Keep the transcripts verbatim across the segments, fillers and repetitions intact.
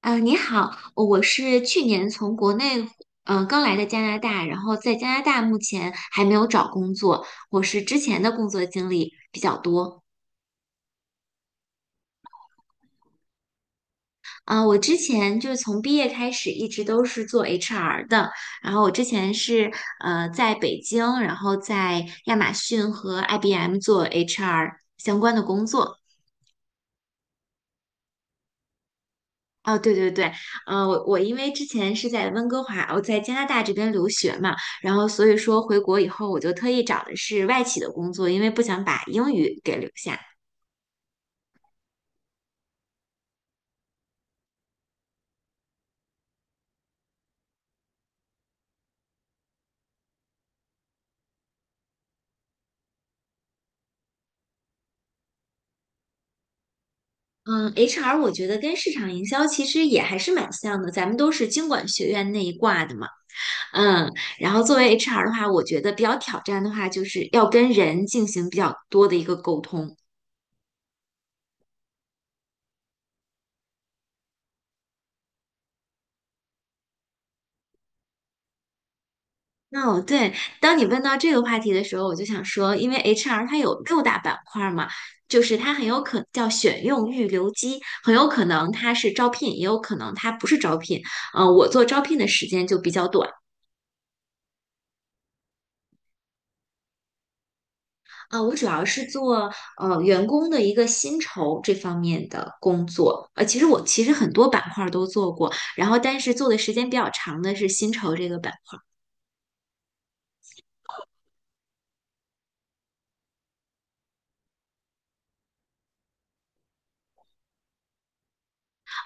啊，你好，我是去年从国内嗯、呃刚来的加拿大，然后在加拿大目前还没有找工作，我是之前的工作经历比较多。啊、我之前就是从毕业开始一直都是做 H R 的，然后我之前是呃在北京，然后在亚马逊和 I B M 做 H R 相关的工作。哦，对对对。嗯，我我因为之前是在温哥华，我在加拿大这边留学嘛，然后所以说回国以后，我就特意找的是外企的工作，因为不想把英语给留下。嗯，H R 我觉得跟市场营销其实也还是蛮像的，咱们都是经管学院那一挂的嘛。嗯，然后作为 H R 的话，我觉得比较挑战的话，就是要跟人进行比较多的一个沟通。哦，对，当你问到这个话题的时候，我就想说，因为 H R 它有六大板块儿嘛，就是它很有可能叫选用预留机，很有可能它是招聘，也有可能它不是招聘。呃，我做招聘的时间就比较短。啊、我主要是做呃员工的一个薪酬这方面的工作。呃，其实我其实很多板块儿都做过，然后但是做的时间比较长的是薪酬这个板块。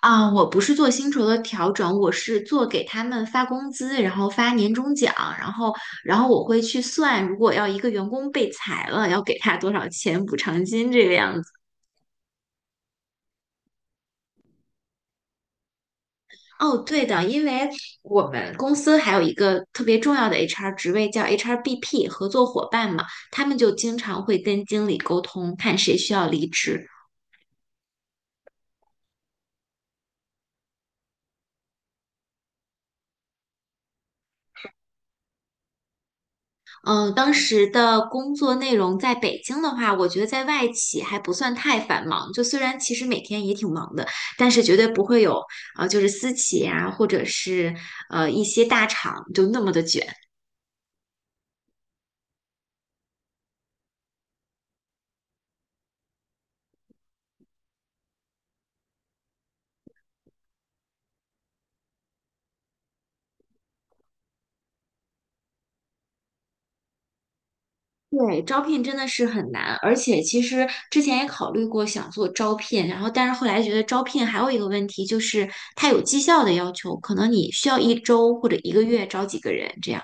啊，我不是做薪酬的调整，我是做给他们发工资，然后发年终奖，然后，然后我会去算，如果要一个员工被裁了，要给他多少钱补偿金这个样子。哦，对的，因为我们公司还有一个特别重要的 H R 职位叫 H R B P 合作伙伴嘛，他们就经常会跟经理沟通，看谁需要离职。嗯，当时的工作内容在北京的话，我觉得在外企还不算太繁忙。就虽然其实每天也挺忙的，但是绝对不会有呃，就是私企啊，或者是呃一些大厂就那么的卷。对，招聘真的是很难，而且其实之前也考虑过想做招聘，然后但是后来觉得招聘还有一个问题就是它有绩效的要求，可能你需要一周或者一个月招几个人这样。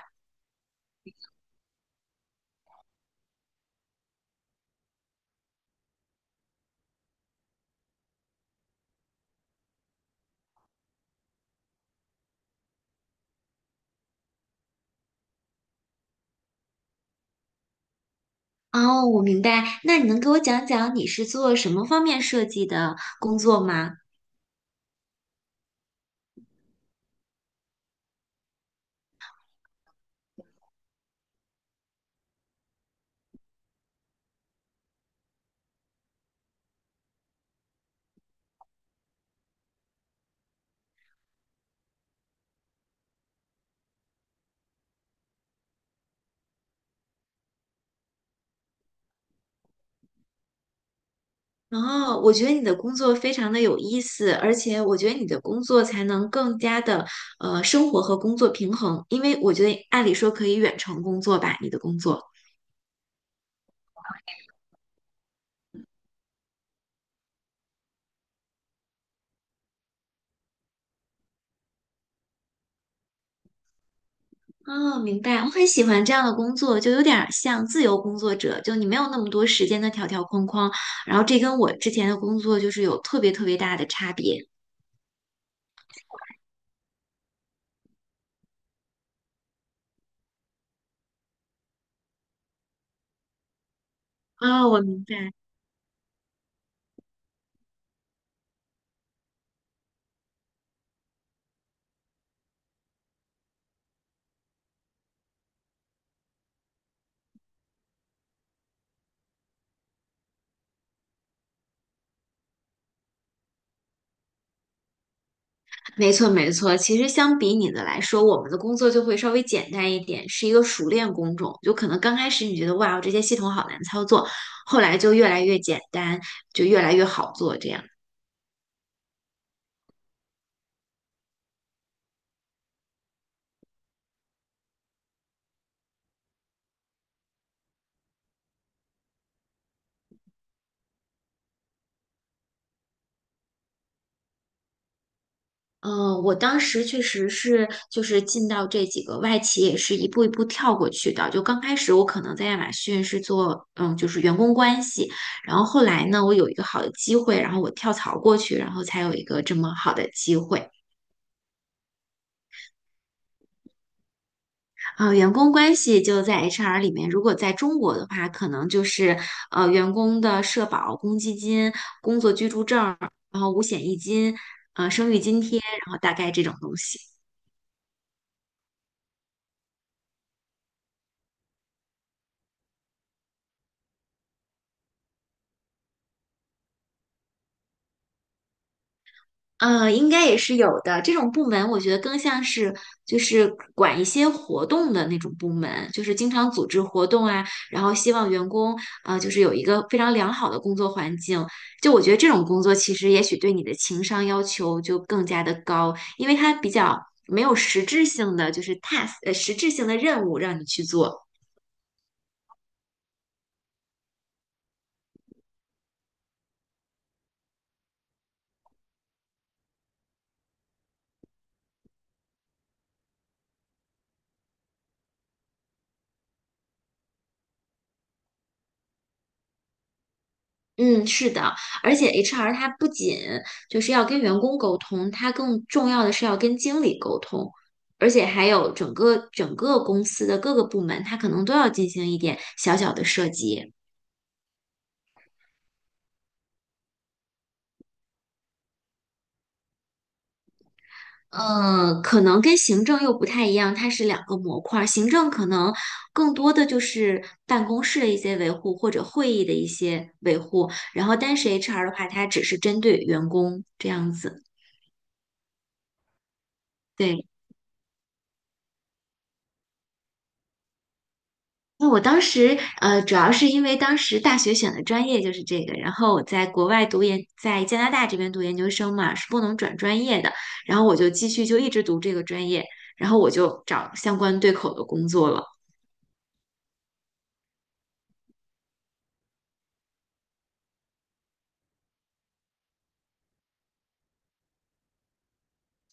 哦，我明白。那你能给我讲讲你是做什么方面设计的工作吗？哦，我觉得你的工作非常的有意思，而且我觉得你的工作才能更加的呃生活和工作平衡，因为我觉得按理说可以远程工作吧，你的工作。哦，明白。我很喜欢这样的工作，就有点儿像自由工作者，就你没有那么多时间的条条框框，然后这跟我之前的工作就是有特别特别大的差别。哦，我明白。没错，没错。其实相比你的来说，我们的工作就会稍微简单一点，是一个熟练工种。就可能刚开始你觉得哇，这些系统好难操作，后来就越来越简单，就越来越好做这样。嗯，我当时确实是就是进到这几个外企，也是一步一步跳过去的。就刚开始我可能在亚马逊是做嗯就是员工关系，然后后来呢，我有一个好的机会，然后我跳槽过去，然后才有一个这么好的机会。啊，员工关系就在 H R 里面，如果在中国的话，可能就是呃员工的社保、公积金、工作居住证然后五险一金、呃生育津贴，然后大概这种东西。呃，应该也是有的。这种部门，我觉得更像是就是管一些活动的那种部门，就是经常组织活动啊，然后希望员工啊，呃就是有一个非常良好的工作环境。就我觉得这种工作其实也许对你的情商要求就更加的高，因为它比较没有实质性的就是 task，呃，实质性的任务让你去做。嗯，是的，而且 H R 它不仅就是要跟员工沟通，它更重要的是要跟经理沟通，而且还有整个整个公司的各个部门，它可能都要进行一点小小的涉及。呃，可能跟行政又不太一样，它是两个模块儿。行政可能更多的就是办公室的一些维护或者会议的一些维护，然后但是 H R 的话，它只是针对员工这样子。对。那我当时，呃，主要是因为当时大学选的专业就是这个，然后我在国外读研，在加拿大这边读研究生嘛，是不能转专业的，然后我就继续就一直读这个专业，然后我就找相关对口的工作了。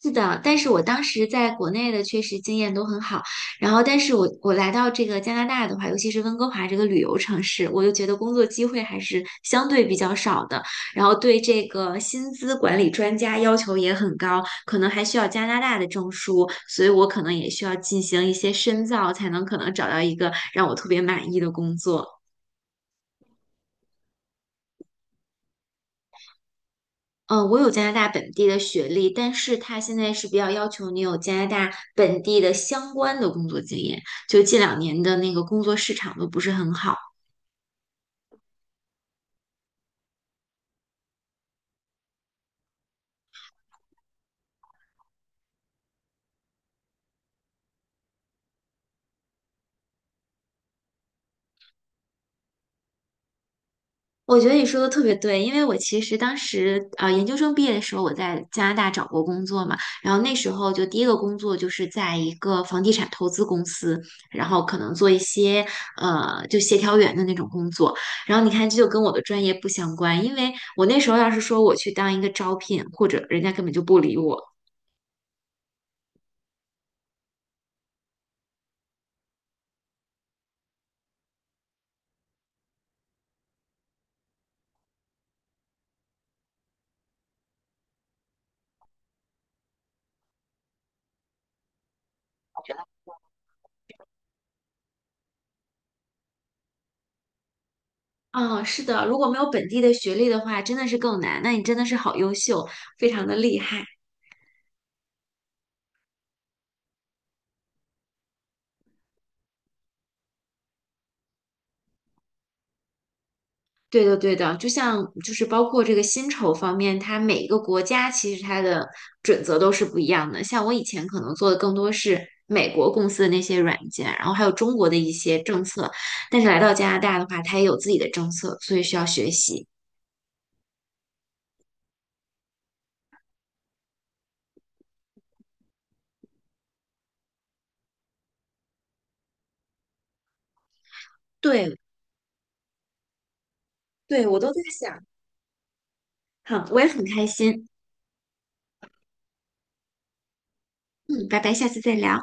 是的，但是我当时在国内的确实经验都很好，然后但是我我来到这个加拿大的话，尤其是温哥华这个旅游城市，我就觉得工作机会还是相对比较少的，然后对这个薪资管理专家要求也很高，可能还需要加拿大的证书，所以我可能也需要进行一些深造，才能可能找到一个让我特别满意的工作。嗯，呃我有加拿大本地的学历，但是他现在是比较要求你有加拿大本地的相关的工作经验。就近两年的那个工作市场都不是很好。我觉得你说的特别对，因为我其实当时呃研究生毕业的时候，我在加拿大找过工作嘛，然后那时候就第一个工作就是在一个房地产投资公司，然后可能做一些呃就协调员的那种工作，然后你看这就跟我的专业不相关，因为我那时候要是说我去当一个招聘，或者人家根本就不理我。嗯，是的，如果没有本地的学历的话，真的是更难。那你真的是好优秀，非常的厉害。对的，对的，就像就是包括这个薪酬方面，它每一个国家其实它的准则都是不一样的。像我以前可能做的更多是美国公司的那些软件，然后还有中国的一些政策，但是来到加拿大的话，它也有自己的政策，所以需要学习。对，对，我都在想，好，我也很开心。嗯，拜拜，下次再聊。